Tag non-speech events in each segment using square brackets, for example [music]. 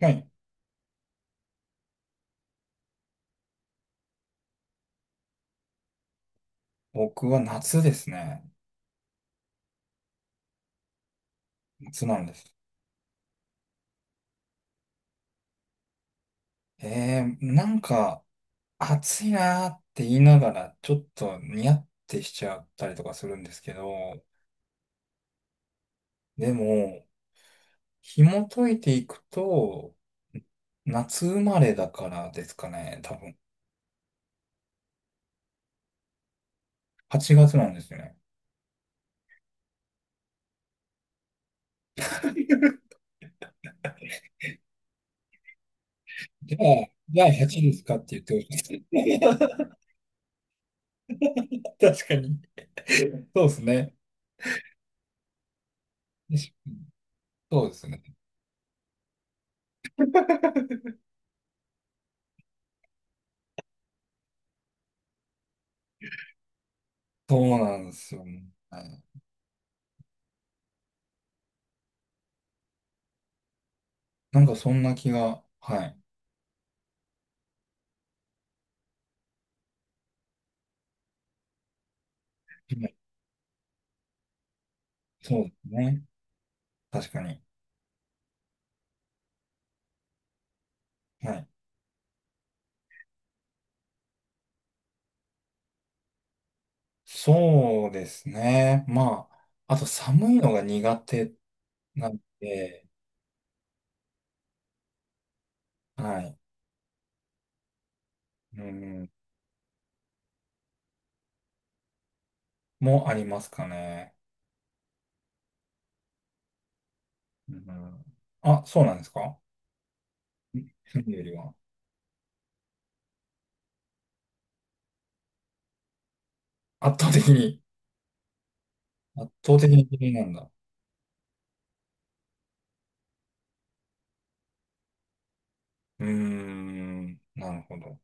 はい。僕は夏ですね。夏なんです。なんか、暑いなーって言いながら、ちょっとニヤってしちゃったりとかするんですけど、でも、紐解いていくと、夏生まれだからですかね、多分。8月なんですよね。[laughs] じゃあ8ですかって言ってほしいです。[laughs] 確かに。そうですね。しそうですね。そうなんですよね。はい。なんかそんな気が、はい。はい。そうですね。確かに。はい。そうですね。まあ、あと寒いのが苦手なんで、はい。うん、もありますかね。うん、あ、そうなんですか。それよりは。圧倒的に、圧倒的に嫌いなんだ。うーん、なるほど。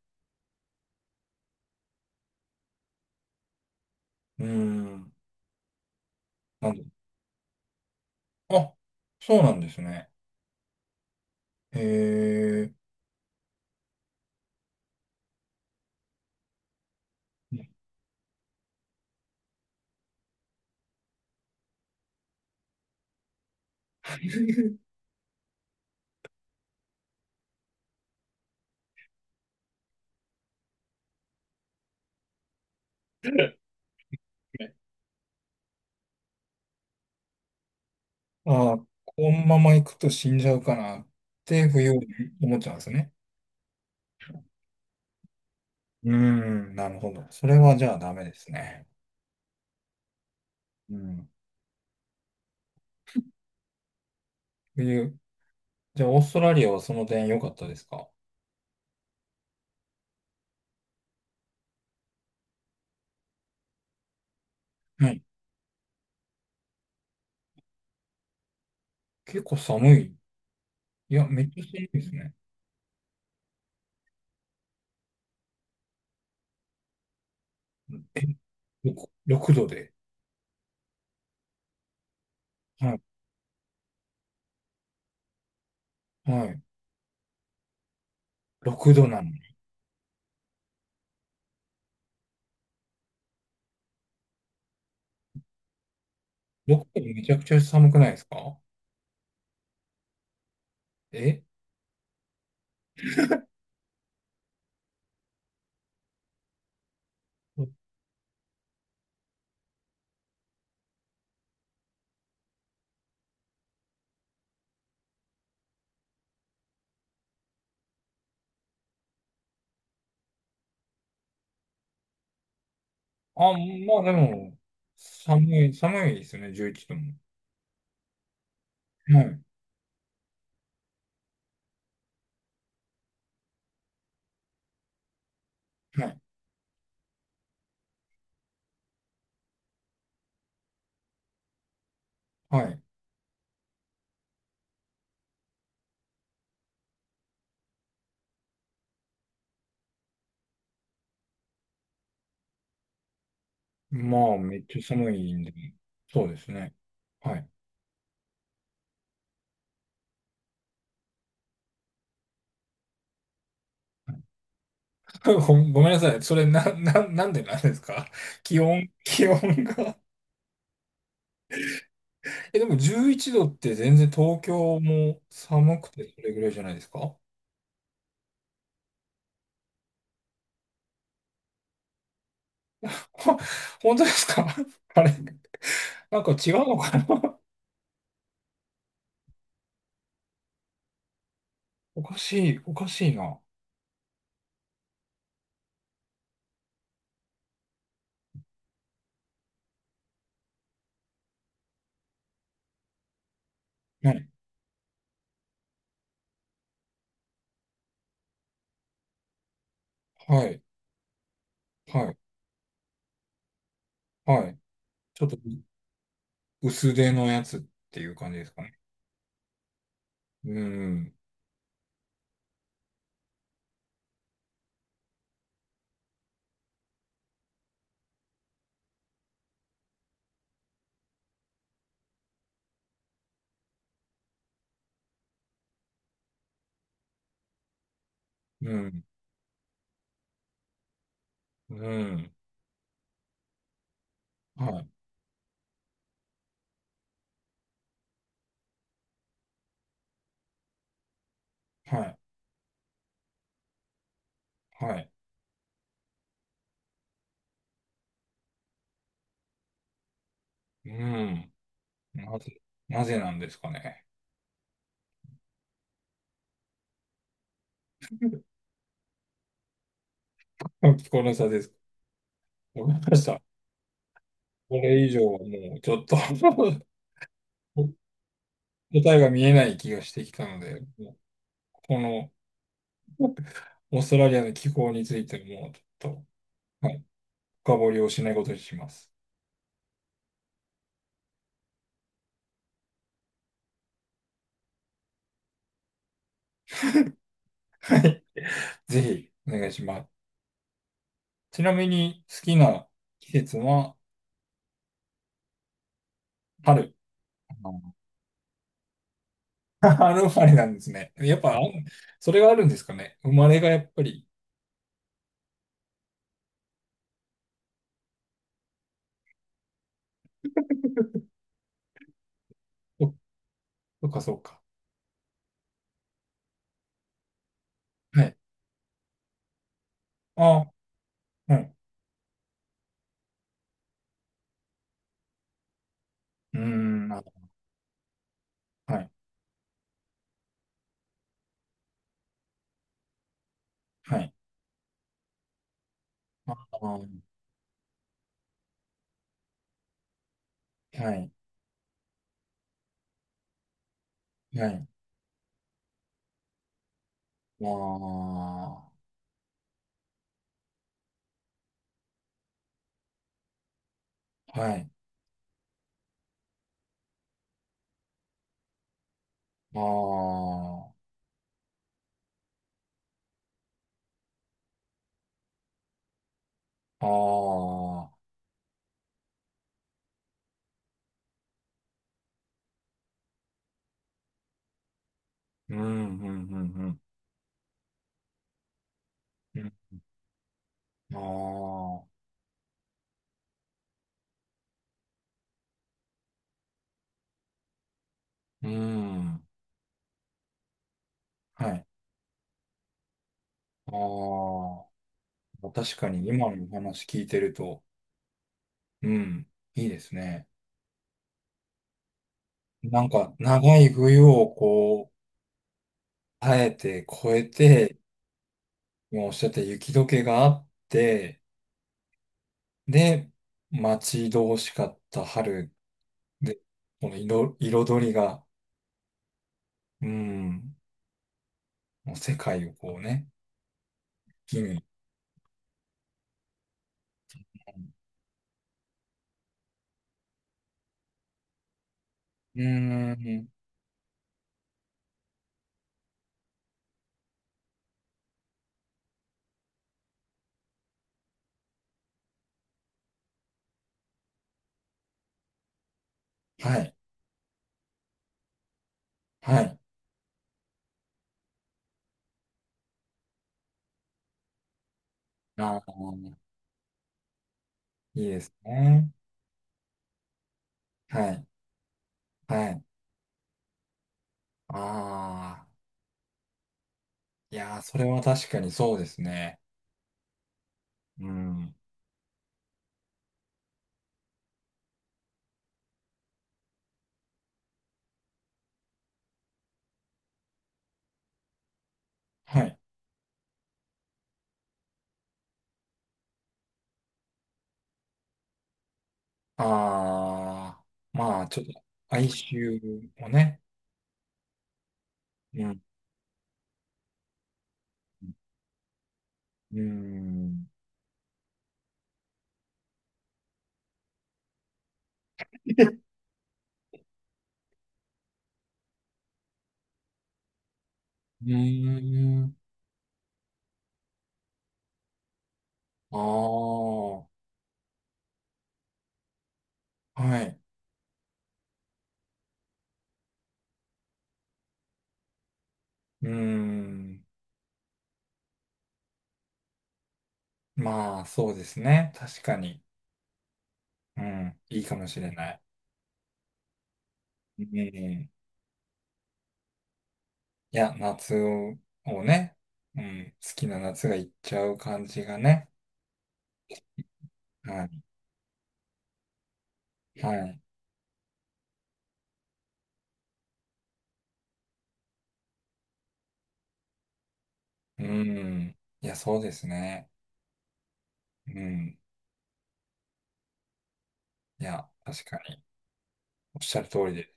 うーん、なんで、あ、そうなんですね。へえ。[laughs] ああ、このまま行くと死んじゃうかなって、冬思っちゃうんですね。うーん、なるほど。それはじゃあダメですね。うん。冬、じゃあオーストラリアはその点良かったですか？はい。結構寒い。いや、めっちゃ寒いですね。え、6度で。はい。はい。6度なのに。6度めちゃくちゃ寒くないですか？え、あ、まあでも、寒い、寒いですよね、11度も。はい。はい。はい。まあ、めっちゃ寒いんで、そうですね。はい。[laughs] ごごめんなさい。それなんでなんですか？ [laughs] 気温が、え、でも11度って全然東京も寒くてそれぐらいじゃないですか[laughs] 本当ですか？ [laughs] あれ、なんか違うのかな。おかしい、おかしいな。はいはい、はい、はい。ちょっと薄手のやつっていう感じですかね。うん、うん、うん。はい、はい、はい。うん。なぜ、なぜなんですかね。[laughs] 気候の差です。わかりました。これ以上はもうちょっと [laughs] 答えが見えない気がしてきたので、もうこのオーストラリアの気候についてもうちょっと、はい、深掘りをしないことにします。[laughs] ぜひお願いします。ちなみに好きな季節は春。あー [laughs] 春生まれなんですね。やっぱ、あ、それがあるんですかね。生まれがやっぱり。そそっかそっか。はい。あ、はい。うーん、あ、はい。はい。あー、はい。はい。ああ。はい。ああ、ああ、うん、うん、うん、うん。ああ、うん、はい。ああ、確かに今のお話聞いてると、うん、いいですね。なんか、長い冬をこう、耐えて、越えて、もうおっしゃった雪解けがあって、で、待ち遠しかった春で、この色、彩りが、うん、もう世界をこうね、木に。うーん。はい。はい。ああ、いいですね。はい。はい。ああ。いやー、それは確かにそうですね。うん。はい。ああ。まあ、ちょっと、哀愁をね。うん。うん。うーん。ああ。はい。うーん。まあ、そうですね。確かに。うん。いいかもしれない。うん。いや、夏をね、うん、好きな夏が行っちゃう感じがね。はい。はい。うん。いや、そうですね。うん。いや、確かに。おっしゃる通りで。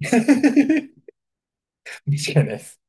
[laughs] 間違いないです。